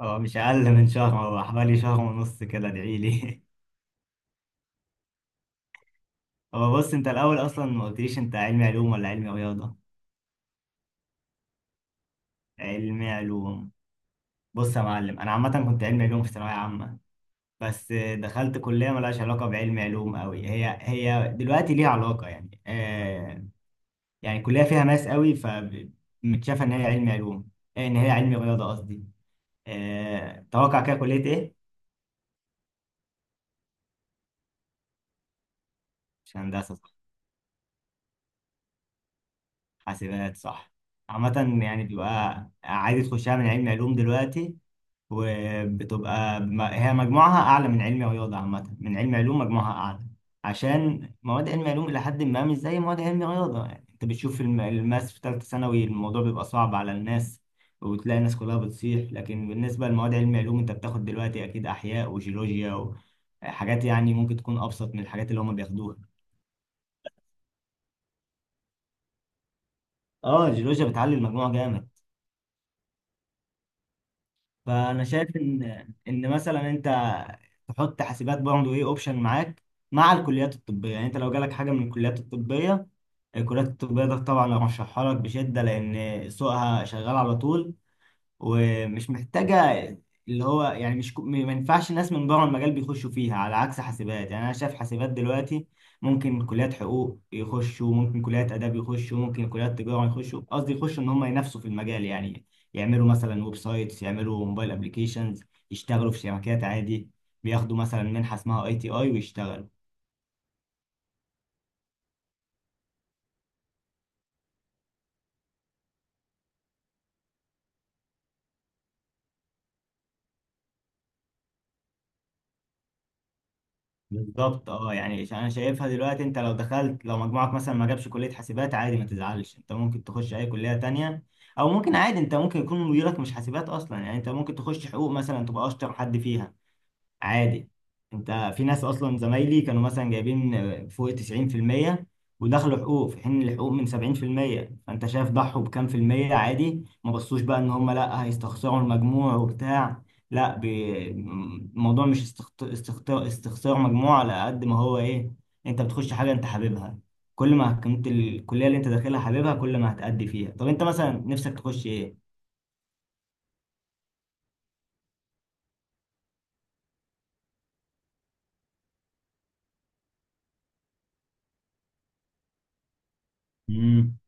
هو مش اقل من شهر، هو حوالي شهر ونص كده. ادعي لي. هو بص، انت الاول اصلا ما قلتليش، انت علمي علوم ولا علمي رياضه؟ علمي علوم. بص يا معلم، انا عامه كنت علمي علوم في ثانويه عامه. بس دخلت كليه ملهاش علاقه بعلمي علوم قوي. هي هي دلوقتي ليها علاقه يعني يعني كليه فيها ماس قوي، فمتشافه ان هي علمي علوم. ان هي علمي رياضه قصدي. توقع كده كليه ايه؟ مش هندسه. حاسبات صح. عامة يعني بيبقى عادي تخشها من علمي علوم دلوقتي. وبتبقى هي مجموعها أعلى من علمي رياضة. عامة من علمي علوم مجموعها أعلى، عشان مواد علمي علوم إلى حد ما مش زي مواد علمي رياضة. يعني أنت بتشوف الماس في تالتة ثانوي الموضوع بيبقى صعب على الناس، وتلاقي الناس كلها بتصيح. لكن بالنسبة لمواد علمي علوم، أنت بتاخد دلوقتي أكيد أحياء وجيولوجيا وحاجات يعني ممكن تكون أبسط من الحاجات اللي هما بياخدوها. اه الجيولوجيا بتعلي المجموع جامد. فانا شايف ان مثلا انت تحط حاسبات برضه، ايه، اوبشن معاك مع الكليات الطبيه. يعني انت لو جالك حاجه من الكليات الطبيه، الكليات الطبيه ده طبعا ارشحها لك بشده، لان سوقها شغال على طول ومش محتاجة اللي هو يعني مش كو- ما ينفعش الناس من بره المجال بيخشوا فيها، على عكس حاسبات. يعني أنا شايف حاسبات دلوقتي ممكن كليات حقوق يخشوا، ممكن كليات آداب يخشوا، ممكن كليات تجارة يخشوا، قصدي يخشوا إن هم ينافسوا في المجال يعني. يعملوا مثلا ويب سايتس، يعملوا موبايل أبليكيشنز، يشتغلوا في شركات عادي، بياخدوا مثلا منحة اسمها اي تي اي ويشتغلوا. بالظبط. اه يعني انا شايفها دلوقتي، انت لو دخلت، لو مجموعك مثلا ما جابش كلية حاسبات عادي ما تزعلش، انت ممكن تخش اي كلية تانية، او ممكن عادي انت ممكن يكون مديرك مش حاسبات اصلا. يعني انت ممكن تخش حقوق مثلا تبقى اشطر حد فيها عادي. انت، في ناس اصلا زمايلي كانوا مثلا جايبين فوق 90% ودخلوا حقوق، في حين الحقوق من 70%. فانت شايف ضحوا بكام في المية، عادي. ما بصوش بقى ان هم لا هيستخسروا المجموع وبتاع. لا، الموضوع مش استخسار مجموع على قد ما هو ايه، انت بتخش حاجة انت حاببها. كل ما كنت الكلية اللي انت داخلها حاببها، كل ما هتأدي فيها. طب انت مثلا نفسك تخش ايه؟ امم.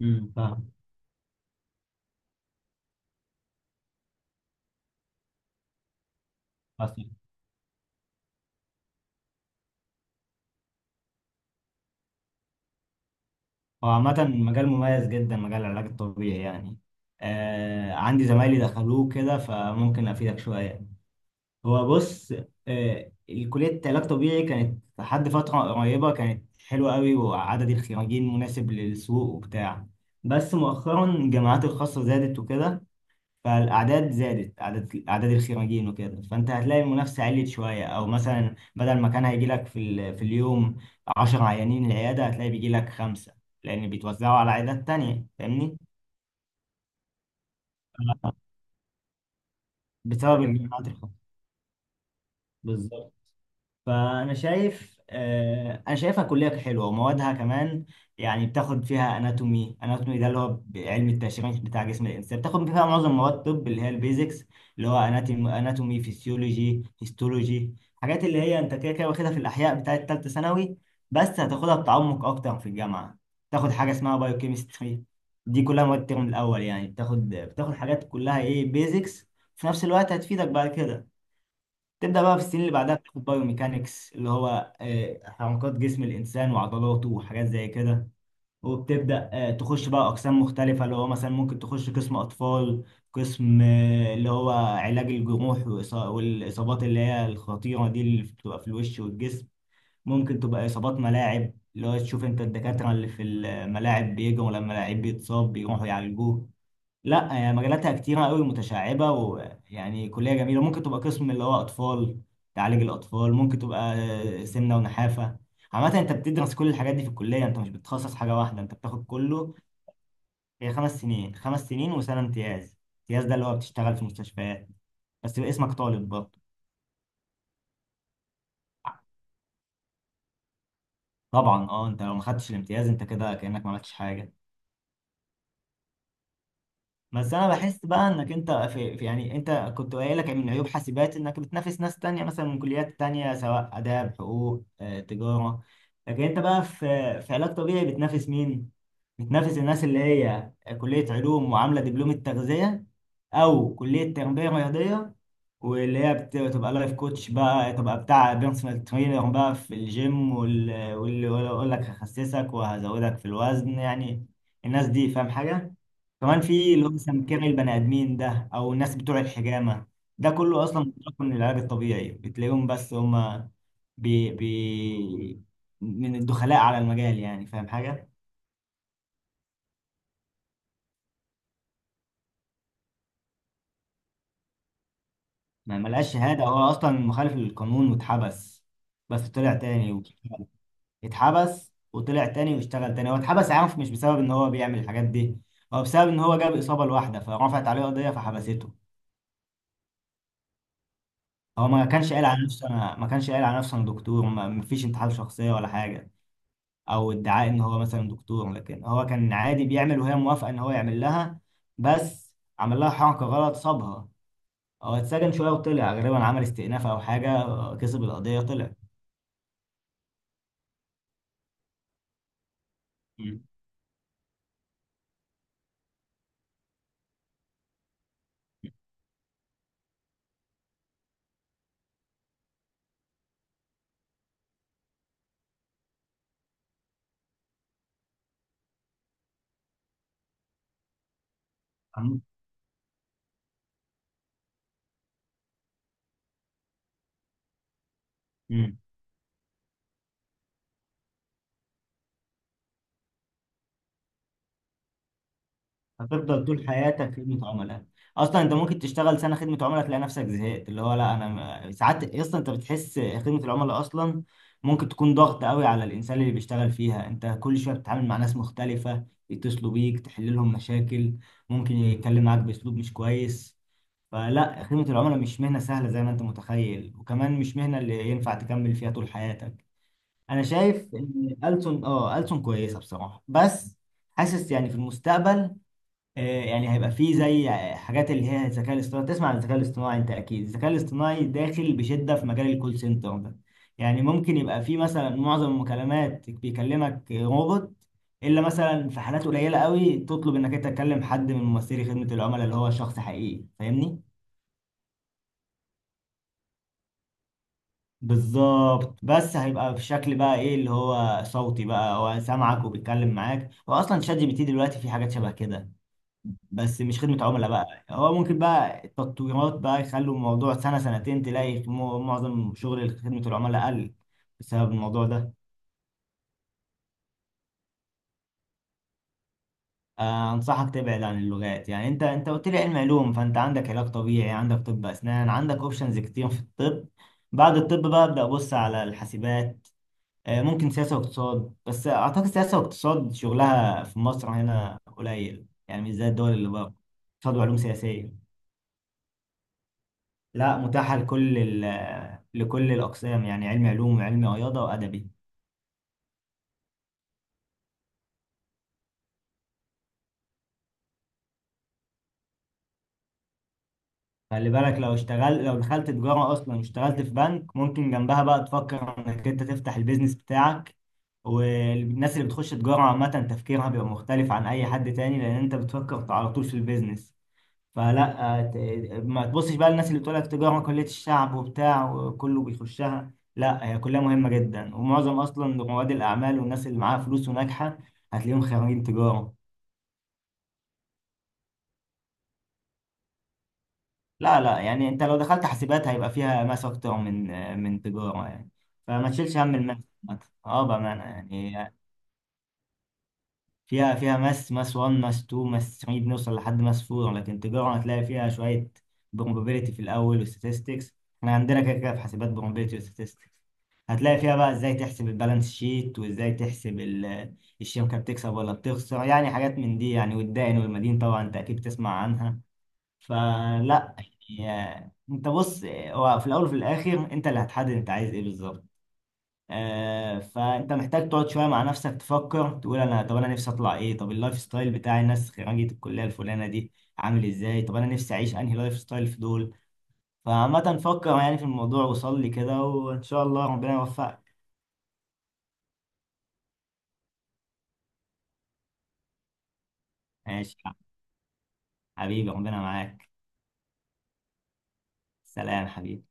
امم. فاهم. هو عامة مجال مميز جدا، مجال العلاج الطبيعي يعني. عندي زمايلي دخلوه كده فممكن أفيدك شوية. هو بص، آه كلية علاج طبيعي كانت لحد فترة قريبة كانت حلوة قوي، وعدد الخريجين مناسب للسوق وبتاع. بس مؤخرا الجامعات الخاصة زادت وكده، فالاعداد زادت، اعداد الخريجين وكده. فانت هتلاقي المنافسه عليت شويه، او مثلا بدل ما كان هيجي لك في اليوم 10 عيانين العياده، هتلاقي بيجي لك خمسه لان بيتوزعوا على عيادات تانية، فاهمني. بسبب الجامعات الخاصه. بالظبط. فانا شايف آه، انا شايفها كليه حلوه وموادها كمان. يعني بتاخد فيها اناتومي، اناتومي ده اللي هو علم التشريح بتاع جسم الانسان. بتاخد فيها معظم مواد الطب اللي هي البيزكس، اللي هو اناتومي، اناتومي فيسيولوجي هيستولوجي، حاجات اللي هي انت كده كده واخدها في الاحياء بتاعه ثالثه ثانوي، بس هتاخدها بتعمق اكتر في الجامعه. تاخد حاجه اسمها بايوكيمستري. دي كلها مواد الترم الاول، يعني بتاخد حاجات كلها ايه، بيزكس، في نفس الوقت هتفيدك بعد كده. تبدأ بقى في السنين اللي بعدها بتاخد بايوميكانكس، اللي هو حركات جسم الإنسان وعضلاته وحاجات زي كده. وبتبدأ تخش بقى أقسام مختلفة، اللي هو مثلا ممكن تخش قسم أطفال، قسم اللي هو علاج الجروح والإصابات اللي هي الخطيرة دي اللي بتبقى في الوش والجسم. ممكن تبقى إصابات ملاعب اللي هو تشوف أنت الدكاترة اللي في الملاعب بيجوا لما لعيب بيتصاب بيروحوا يعالجوه. لا هي مجالاتها كتيرة قوي متشعبة ويعني كلية جميلة. ممكن تبقى قسم اللي هو أطفال تعالج الأطفال، ممكن تبقى سمنة ونحافة. عامة أنت بتدرس كل الحاجات دي في الكلية، أنت مش بتتخصص حاجة واحدة، أنت بتاخد كله. هي 5 سنين، 5 سنين وسنة امتياز. امتياز ده اللي هو بتشتغل في مستشفيات بس يبقى اسمك طالب برضه. طبعا أه، أنت لو ما خدتش الامتياز أنت كده كأنك ما عملتش حاجة. بس انا بحس بقى انك انت يعني انت كنت قايل لك من عيوب حاسبات انك بتنافس ناس تانية مثلا من كليات تانية سواء اداب حقوق تجارة. لكن انت بقى في علاج طبيعي بتنافس مين؟ بتنافس الناس اللي هي كلية علوم وعاملة دبلوم التغذية، او كلية تربية رياضية، واللي هي بتبقى لايف كوتش بقى، تبقى بتاع بيرسونال ترينر بقى في الجيم، واللي يقول لك هخسسك وهزودك في الوزن يعني. الناس دي، فاهم حاجة؟ كمان في اللي هو سمكري البني ادمين ده، او الناس بتوع الحجامه، ده كله اصلا مشتق من العلاج الطبيعي. بتلاقيهم بس هما بي بي من الدخلاء على المجال يعني، فاهم حاجه. ما ملقاش شهاده، هو اصلا مخالف للقانون واتحبس، بس طلع تاني واشتغل. اتحبس وطلع تاني واشتغل تاني. هو اتحبس عنف مش بسبب ان هو بيعمل الحاجات دي، هو بسبب ان هو جاب اصابه لواحده فرفعت عليه قضيه فحبسته. هو ما كانش قايل على نفسه انا ما كانش قايل على نفسه انا دكتور. ما فيش انتحال شخصيه ولا حاجه او ادعاء ان هو مثلا دكتور، لكن هو كان عادي بيعمل وهي موافقه ان هو يعمل لها، بس عمل لها حركه غلط صابها. هو اتسجن شويه وطلع، غالبا عمل استئناف او حاجه، كسب القضيه طلع. هتفضل طول حياتك خدمة عملاء. اصلا انت ممكن تشتغل سنة خدمة عملاء تلاقي نفسك زهقت، اللي هو لا انا ساعات اصلا انت بتحس خدمة العملاء اصلا ممكن تكون ضغط قوي على الانسان اللي بيشتغل فيها. انت كل شوية بتتعامل مع ناس مختلفة يتصلوا بيك تحل لهم مشاكل، ممكن يتكلم معاك باسلوب مش كويس. فلا، خدمة العملاء مش مهنة سهلة زي ما انت متخيل، وكمان مش مهنة اللي ينفع تكمل فيها طول حياتك. انا شايف ان ألسن، اه ألسن كويسة بصراحة، بس حاسس يعني في المستقبل يعني هيبقى فيه زي حاجات اللي هي الذكاء الاصطناعي. تسمع عن الذكاء الاصطناعي انت اكيد، الذكاء الاصطناعي داخل بشدة في مجال الكول سنتر ده. يعني ممكن يبقى فيه مثلا معظم المكالمات بيكلمك روبوت، الا مثلا في حالات قليلة قوي تطلب انك انت تكلم حد من ممثلي خدمة العملاء اللي هو شخص حقيقي، فاهمني. بالظبط. بس هيبقى في شكل بقى ايه، اللي هو صوتي بقى هو سامعك وبيتكلم معاك. واصلا شات جي بي تي دلوقتي في حاجات شبه كده، بس مش خدمة عملاء بقى. هو ممكن بقى التطويرات بقى يخلوا الموضوع سنة سنتين تلاقي معظم شغل خدمة العملاء قل بسبب الموضوع ده. أنصحك تبعد عن اللغات. يعني أنت، أنت قلت لي علم علوم، فأنت عندك علاج طبيعي عندك طب أسنان عندك أوبشنز كتير في الطب. بعد الطب بقى أبدأ أبص على الحاسبات. ممكن سياسة واقتصاد، بس أعتقد سياسة واقتصاد شغلها في مصر هنا قليل يعني مش زي الدول اللي بره. اقتصاد وعلوم سياسية. لا متاحة لكل الأقسام، يعني علمي علوم وعلمي رياضة وأدبي. خلي بالك لو اشتغل، لو دخلت تجارة أصلا واشتغلت في بنك، ممكن جنبها بقى تفكر إنك أنت تفتح البيزنس بتاعك. والناس اللي بتخش تجارة عامة تفكيرها بيبقى مختلف عن أي حد تاني لأن أنت بتفكر على طول في البيزنس. فلا ما تبصش بقى للناس اللي بتقول لك تجارة كلية الشعب وبتاع وكله بيخشها. لا هي كلها مهمة جدا، ومعظم أصلا رواد الأعمال والناس اللي معاها فلوس وناجحة هتلاقيهم خريجين تجارة. لا لا، يعني انت لو دخلت حاسبات هيبقى فيها ماس اكتر من تجاره يعني، فما تشيلش هم الماس. عامة. اه بامانه يعني فيها، فيها ماس، ماس 1 ماس 2 ماس 3 بنوصل لحد ماس 4، لكن تجاره هتلاقي فيها شويه probability في الاول وستاتستكس، احنا عندنا كده كده في حاسبات probability وستاتستكس. هتلاقي فيها بقى ازاي تحسب البالانس شيت وازاي تحسب الشركه بتكسب ولا بتخسر، يعني حاجات من دي يعني، والدائن والمدين طبعا انت اكيد تسمع عنها. فلا يعني، انت بص، هو في الاول وفي الاخر انت اللي هتحدد انت عايز ايه بالظبط. فانت محتاج تقعد شويه مع نفسك تفكر تقول، انا، طب انا نفسي اطلع ايه، طب اللايف ستايل بتاع الناس خريجه الكليه الفلانه دي عامل ازاي، طب انا نفسي اعيش انهي لايف ستايل في دول. فعامه فكر يعني في الموضوع، وصلي كده وان شاء الله ربنا يوفقك. ماشي يا حبيبي، ربنا معاك. سلام حبيبي.